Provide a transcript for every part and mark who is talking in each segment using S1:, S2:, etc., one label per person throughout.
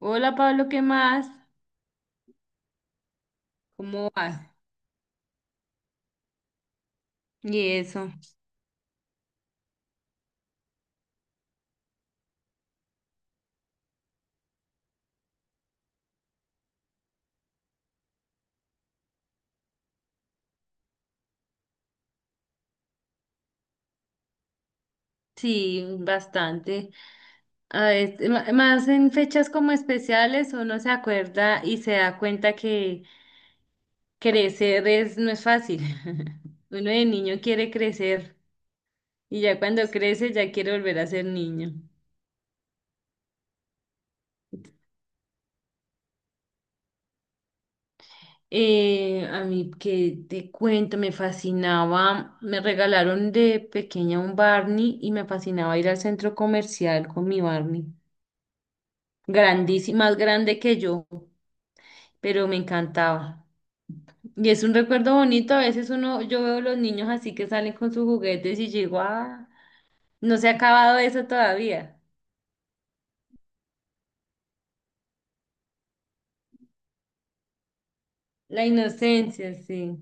S1: Hola Pablo, ¿qué más? ¿Cómo vas? Y eso, sí, bastante. A veces, más en fechas como especiales uno se acuerda y se da cuenta que crecer es, no es fácil. Uno de niño quiere crecer y ya cuando crece ya quiere volver a ser niño. A mí que te cuento, me fascinaba, me regalaron de pequeña un Barney y me fascinaba ir al centro comercial con mi Barney. Grandísima, más grande que yo, pero me encantaba. Y es un recuerdo bonito, a veces uno, yo veo los niños así que salen con sus juguetes y digo, ah, no se ha acabado eso todavía. La inocencia, sí.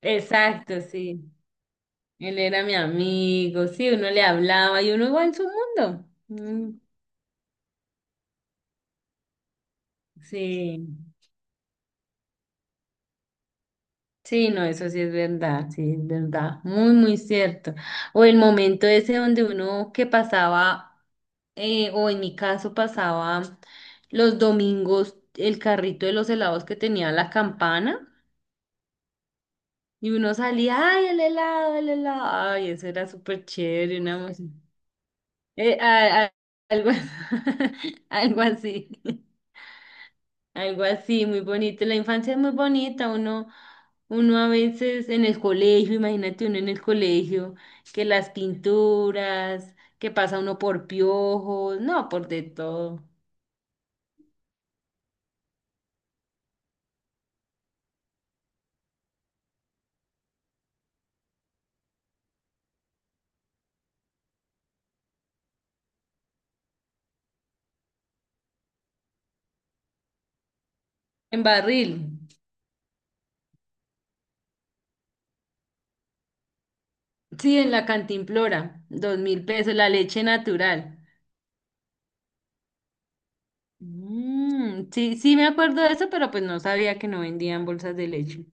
S1: Exacto, sí. Él era mi amigo, sí, uno le hablaba y uno iba en su mundo. Mm, sí. Sí, no, eso sí, es verdad, muy, muy cierto. O el momento ese donde uno que pasaba, o en mi caso pasaba los domingos el carrito de los helados que tenía la campana y uno salía, ay, el helado, ay, eso era súper chévere, una emoción. Eh, a- a- Algo, algo así, algo así, muy bonito. La infancia es muy bonita, uno a veces en el colegio, imagínate uno en el colegio, que las pinturas, que pasa uno por piojos, no, por de todo, en barril. Sí, en la cantimplora, 2.000 pesos, la leche natural. Mm, sí, sí me acuerdo de eso, pero pues no sabía que no vendían bolsas de leche.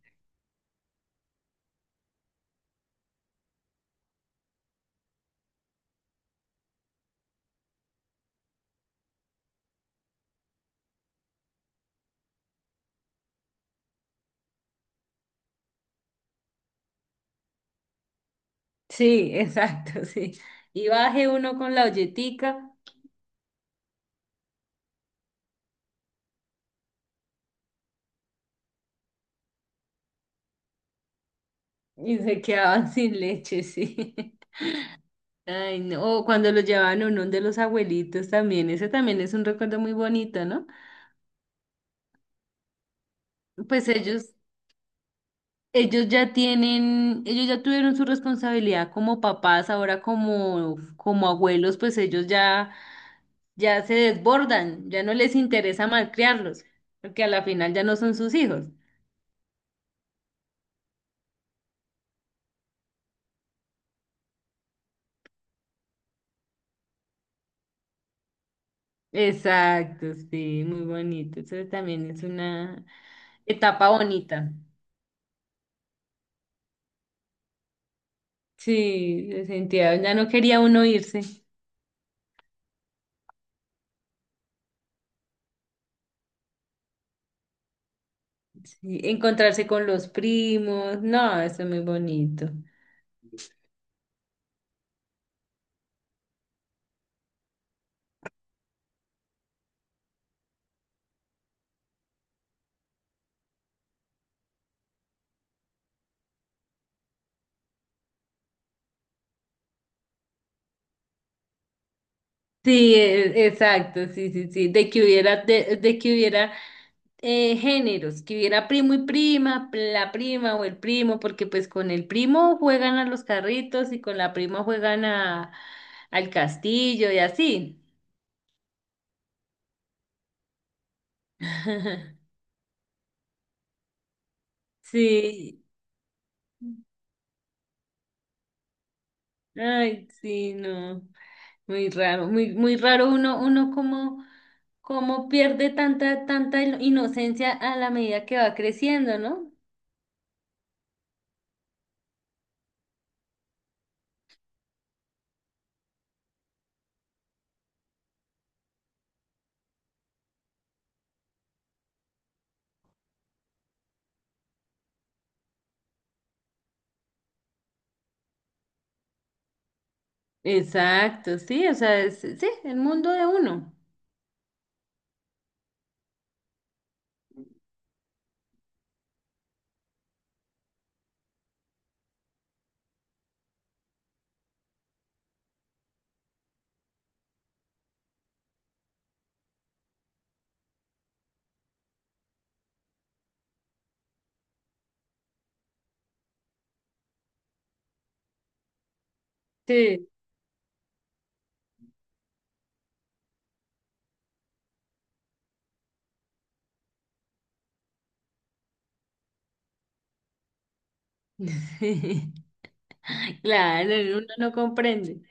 S1: Sí, exacto, sí. Y bajé uno con la olletica y se quedaban sin leche, sí. Ay, no. O cuando lo llevaban a uno de los abuelitos también, ese también es un recuerdo muy bonito, ¿no? Pues ellos ya tienen, ellos ya tuvieron su responsabilidad como papás, ahora como, como abuelos, pues ellos ya, ya se desbordan, ya no les interesa malcriarlos, porque a la final ya no son sus hijos. Exacto, sí, muy bonito. Eso también es una etapa bonita. Sí, se sentía, ya no quería uno irse, sí, encontrarse con los primos, no, eso es muy bonito. Sí, exacto, sí, sí, sí, de que hubiera, de que hubiera géneros, que hubiera primo y prima, la prima o el primo, porque pues con el primo juegan a los carritos y con la prima juegan a, al castillo y así. Sí, ay, sí, no, muy raro, muy, muy raro uno, uno como, como pierde tanta, tanta inocencia a la medida que va creciendo, ¿no? Exacto, sí, o sea, sí, el mundo de uno. Sí. Sí, claro, uno no comprende.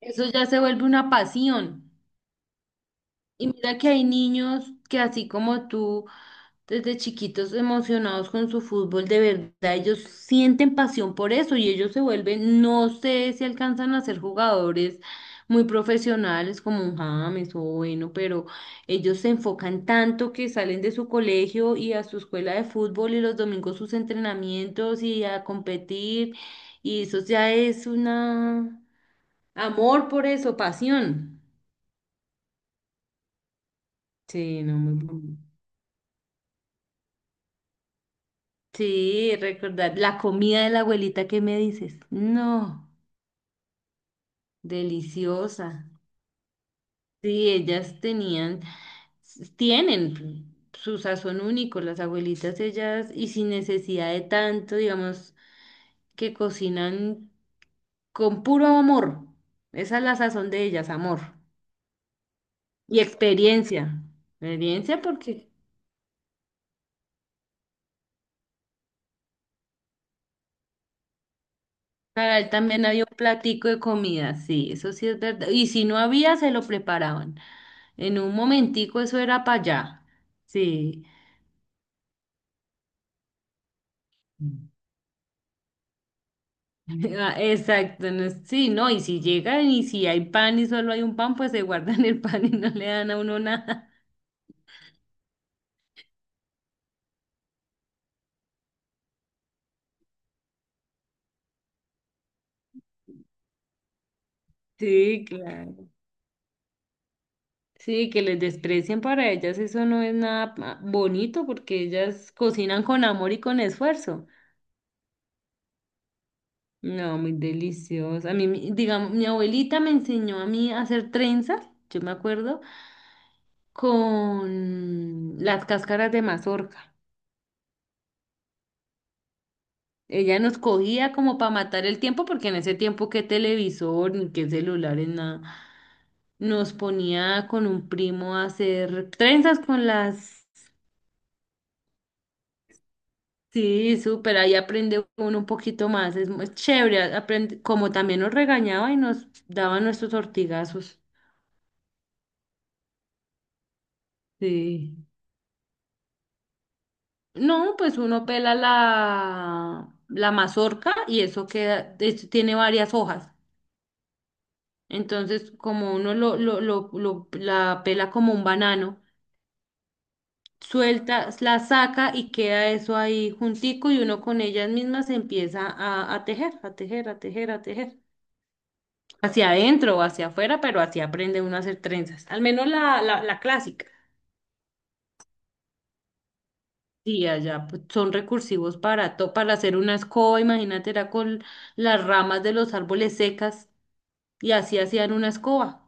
S1: Eso ya se vuelve una pasión. Y mira que hay niños que así como tú desde chiquitos emocionados con su fútbol, de verdad, ellos sienten pasión por eso y ellos se vuelven, no sé si alcanzan a ser jugadores muy profesionales como un James o bueno, pero ellos se enfocan tanto que salen de su colegio y a su escuela de fútbol y los domingos sus entrenamientos y a competir y eso ya es una amor por eso, pasión. Sí, no, muy bonito. Sí, recordar la comida de la abuelita. ¿Qué me dices? No, deliciosa. Sí, ellas tenían, tienen su sazón único, las abuelitas ellas, y sin necesidad de tanto, digamos, que cocinan con puro amor. Esa es la sazón de ellas, amor. Y experiencia. Experiencia porque para él también había un platico de comida, sí, eso sí es verdad. Y si no había, se lo preparaban. En un momentico eso era para allá. Sí. Mm. Ah, exacto, sí, no, y si llegan y si hay pan y solo hay un pan, pues se guardan el pan y no le dan a uno nada. Sí, claro. Sí, que les desprecien para ellas, eso no es nada bonito porque ellas cocinan con amor y con esfuerzo. No, muy delicioso. A mí, digamos, mi abuelita me enseñó a mí a hacer trenzas, yo me acuerdo, con las cáscaras de mazorca. Ella nos cogía como para matar el tiempo, porque en ese tiempo qué televisor, ni qué celulares, nada. Nos ponía con un primo a hacer trenzas con las... Sí, súper, ahí aprende uno un poquito más, es muy chévere, aprende, como también nos regañaba y nos daba nuestros ortigazos. Sí. No, pues uno pela la, la mazorca y eso queda, tiene varias hojas. Entonces, como uno la pela como un banano, suelta, la saca y queda eso ahí juntico y uno con ellas mismas empieza a tejer, a tejer, a tejer, a tejer. Hacia adentro o hacia afuera, pero así aprende uno a hacer trenzas. Al menos la clásica. Sí, allá pues, son recursivos para, para hacer una escoba. Imagínate, era con las ramas de los árboles secas y así hacían una escoba.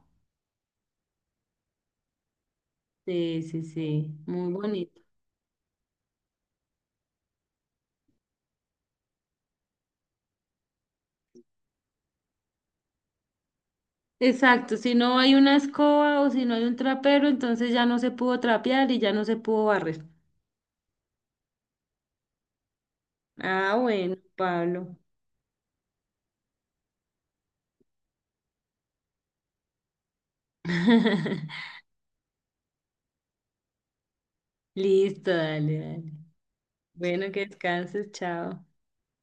S1: Sí, sí, sí, muy bonito. Exacto, si no hay una escoba o si no hay un trapero, entonces ya no se pudo trapear y ya no se pudo barrer. Ah, bueno, Pablo. Listo, dale, dale. Bueno, que descanses, chao.